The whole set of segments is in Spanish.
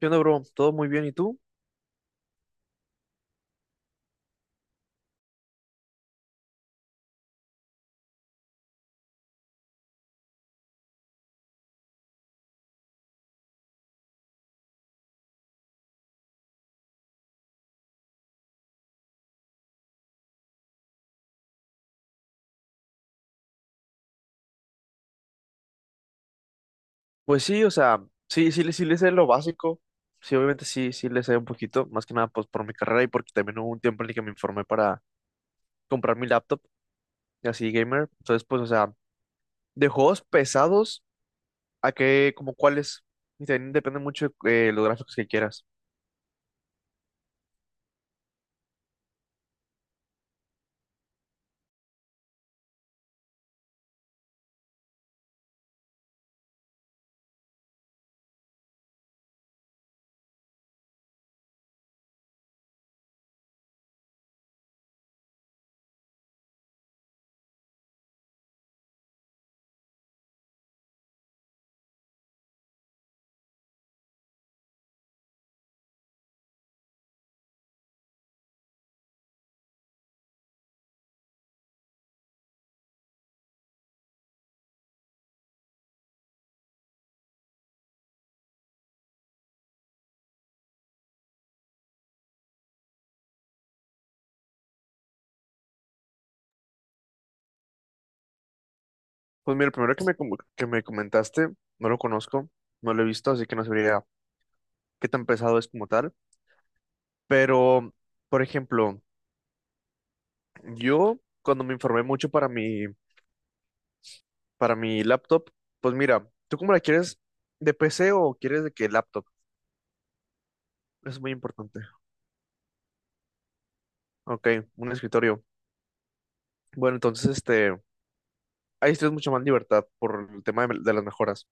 ¿Qué onda, bro? ¿Todo muy bien? ¿Y tú? Pues sí, o sea, sí, sí, sí le sé lo básico. Sí, obviamente sí, sí le sé un poquito. Más que nada, pues por mi carrera y porque también hubo un tiempo en el que me informé para comprar mi laptop y así gamer. Entonces, pues, o sea, de juegos pesados a que, como cuáles. Y también depende mucho de los gráficos que quieras. Pues mira, el primero que me, que me comentaste, no lo conozco, no lo he visto, así que no sabría qué tan pesado es como tal. Pero, por ejemplo, yo cuando me informé mucho para mi laptop, pues mira, ¿tú cómo la quieres? ¿De PC o quieres de qué laptop? Eso es muy importante. Ok, un escritorio. Bueno, entonces, este, ahí tienes mucha más libertad por el tema de las mejoras.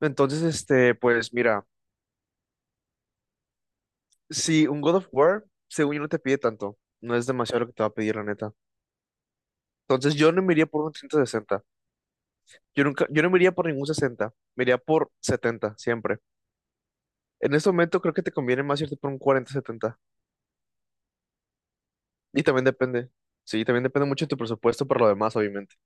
Entonces, este, pues mira, si un God of War, según yo, no te pide tanto. No es demasiado lo que te va a pedir, la neta. Entonces, yo no me iría por un 360, yo nunca, yo no me iría por ningún sesenta. Me iría por 70 siempre. En este momento creo que te conviene más irte por un 4070. Y también depende, sí, también depende mucho de tu presupuesto por lo demás, obviamente.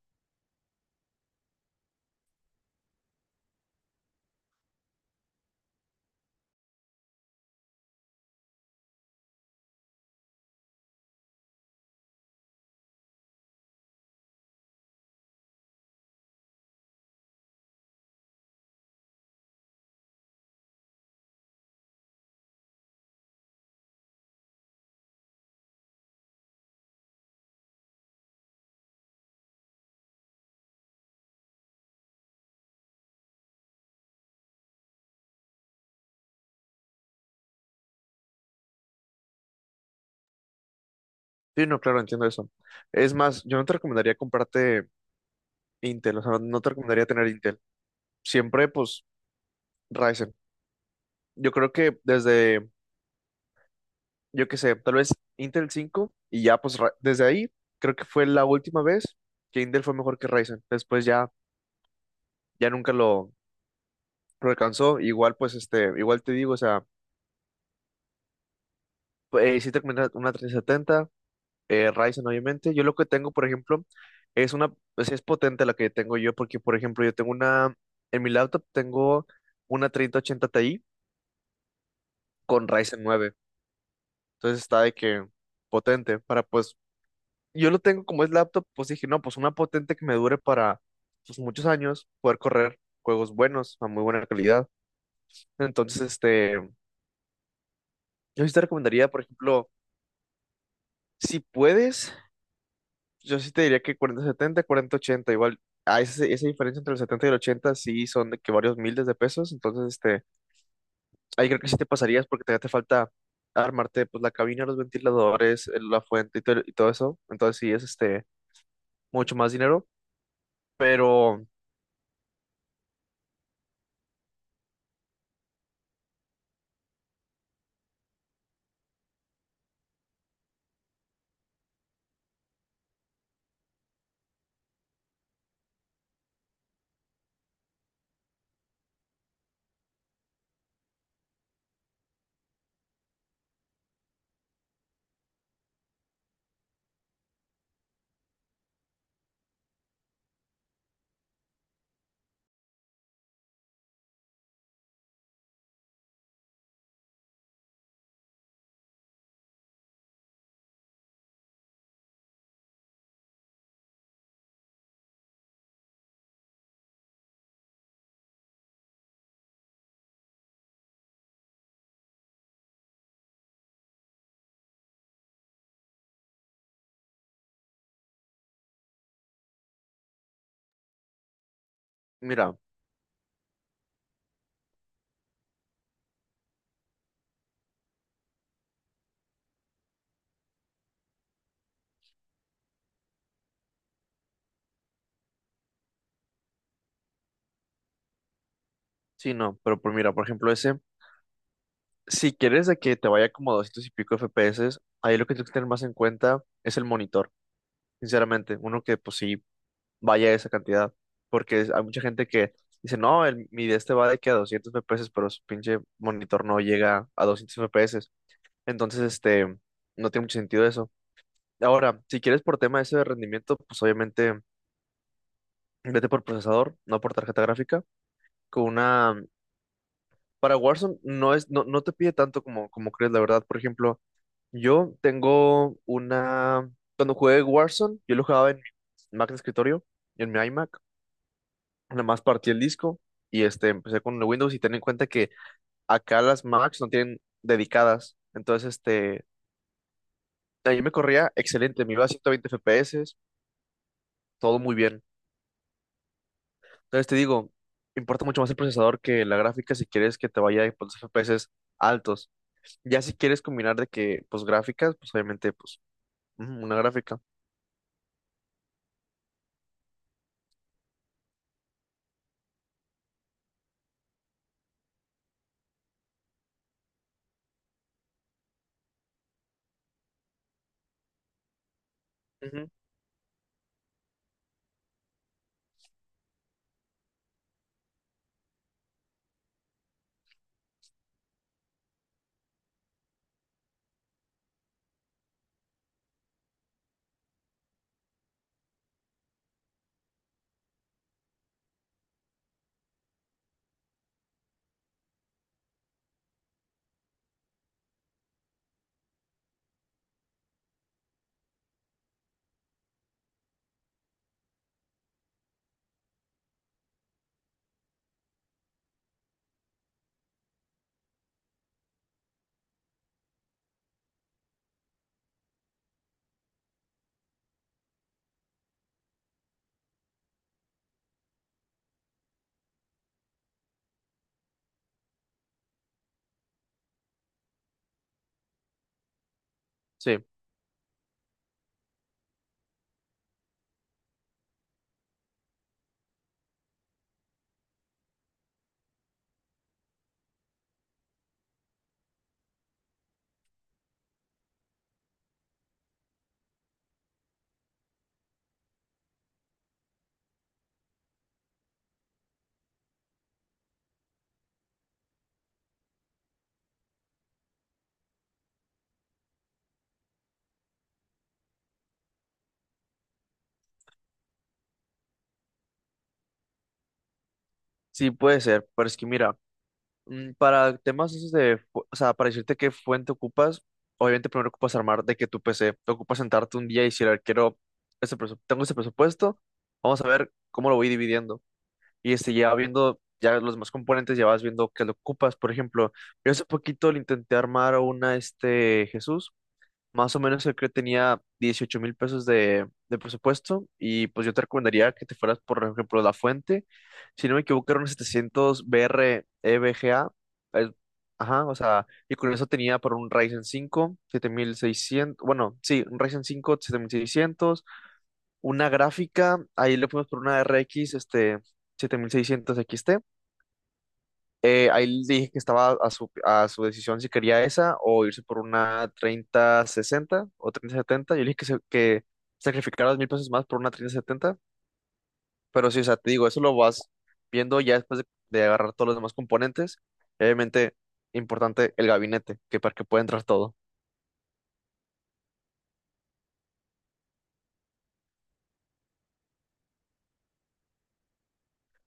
Sí, no, claro, entiendo eso. Es más, yo no te recomendaría comprarte Intel, o sea, no te recomendaría tener Intel. Siempre, pues, Ryzen. Yo creo que desde, yo qué sé, tal vez Intel 5 y ya, pues, desde ahí, creo que fue la última vez que Intel fue mejor que Ryzen. Después ya, ya nunca lo alcanzó. Igual, pues, este, igual te digo, o sea, pues, sí te recomendaría una 3070, Ryzen, obviamente. Yo lo que tengo, por ejemplo, es una, pues, es potente la que tengo yo, porque, por ejemplo, yo tengo una, en mi laptop tengo una 3080 Ti con Ryzen nueve. Entonces está de que potente para, pues, yo lo tengo como es laptop, pues dije, no, pues una potente que me dure para, pues, muchos años, poder correr juegos buenos, a muy buena calidad. Entonces, este, yo sí te recomendaría, por ejemplo, si puedes, yo sí te diría que 4070 4080 igual. Ah, esa diferencia entre el 70 y el 80 sí son de que varios miles de pesos, entonces este, ahí creo que sí te pasarías porque te falta armarte pues la cabina, los ventiladores, la fuente y, y todo eso, entonces sí es este mucho más dinero, pero mira, sí, no, pero por ejemplo ese, si quieres de que te vaya como a 200 y pico FPS, ahí lo que tienes que tener más en cuenta es el monitor, sinceramente, uno que pues sí vaya esa cantidad. Porque hay mucha gente que dice, no, el, mi de este va de que a 200 FPS, pero su pinche monitor no llega a 200 FPS. Entonces, este, no tiene mucho sentido eso. Ahora, si quieres por tema ese de rendimiento, pues obviamente vete por procesador, no por tarjeta gráfica. Con una. Para Warzone no es, no, no te pide tanto como crees, la verdad. Por ejemplo, yo tengo una. Cuando jugué Warzone, yo lo jugaba en mi Mac de escritorio, en mi iMac. Nada más partí el disco y este, empecé con el Windows y ten en cuenta que acá las Macs no tienen dedicadas. Entonces, este, ahí me corría excelente, me iba a 120 FPS, todo muy bien. Entonces te digo, importa mucho más el procesador que la gráfica si quieres que te vaya a los FPS altos. Ya si quieres combinar de que, pues gráficas, pues obviamente, pues ujú, una gráfica. Ujú, sí, sí puede ser, pero es que mira, para temas esos de, o sea, para decirte qué fuente ocupas, obviamente primero ocupas armar de que tu PC, te ocupas sentarte un día y decir, "A ver, quiero, tengo ese presupuesto, vamos a ver cómo lo voy dividiendo." Y este, ya viendo ya los más componentes, ya vas viendo qué lo ocupas. Por ejemplo, yo hace poquito le intenté armar a una, este, Jesús. Más o menos el que tenía 18,000 pesos de presupuesto y pues yo te recomendaría que te fueras por ejemplo La Fuente. Si no me equivoco eran 700 BR EVGA. eh, ajá, o sea, y con eso tenía por un Ryzen 5 7600, bueno, sí, un Ryzen 5 7600, una gráfica, ahí le fuimos por una RX, este, 7600 XT, ahí le dije que estaba a su decisión si quería esa o irse por una 3060 o 3070. Yo le dije que, que sacrificara 2,000 pesos más por una 3070. Pero sí, o sea, te digo, eso lo vas viendo ya después de agarrar todos los demás componentes. Obviamente, importante el gabinete, que para que pueda entrar todo.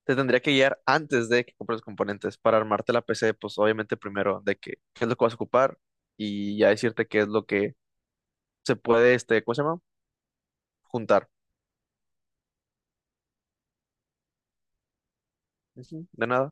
Te tendría que guiar antes de que compres los componentes para armarte la PC, pues obviamente primero de que, qué es lo que vas a ocupar y ya decirte qué es lo que se puede, este, ¿cómo se llama? Juntar. Ujú, de nada.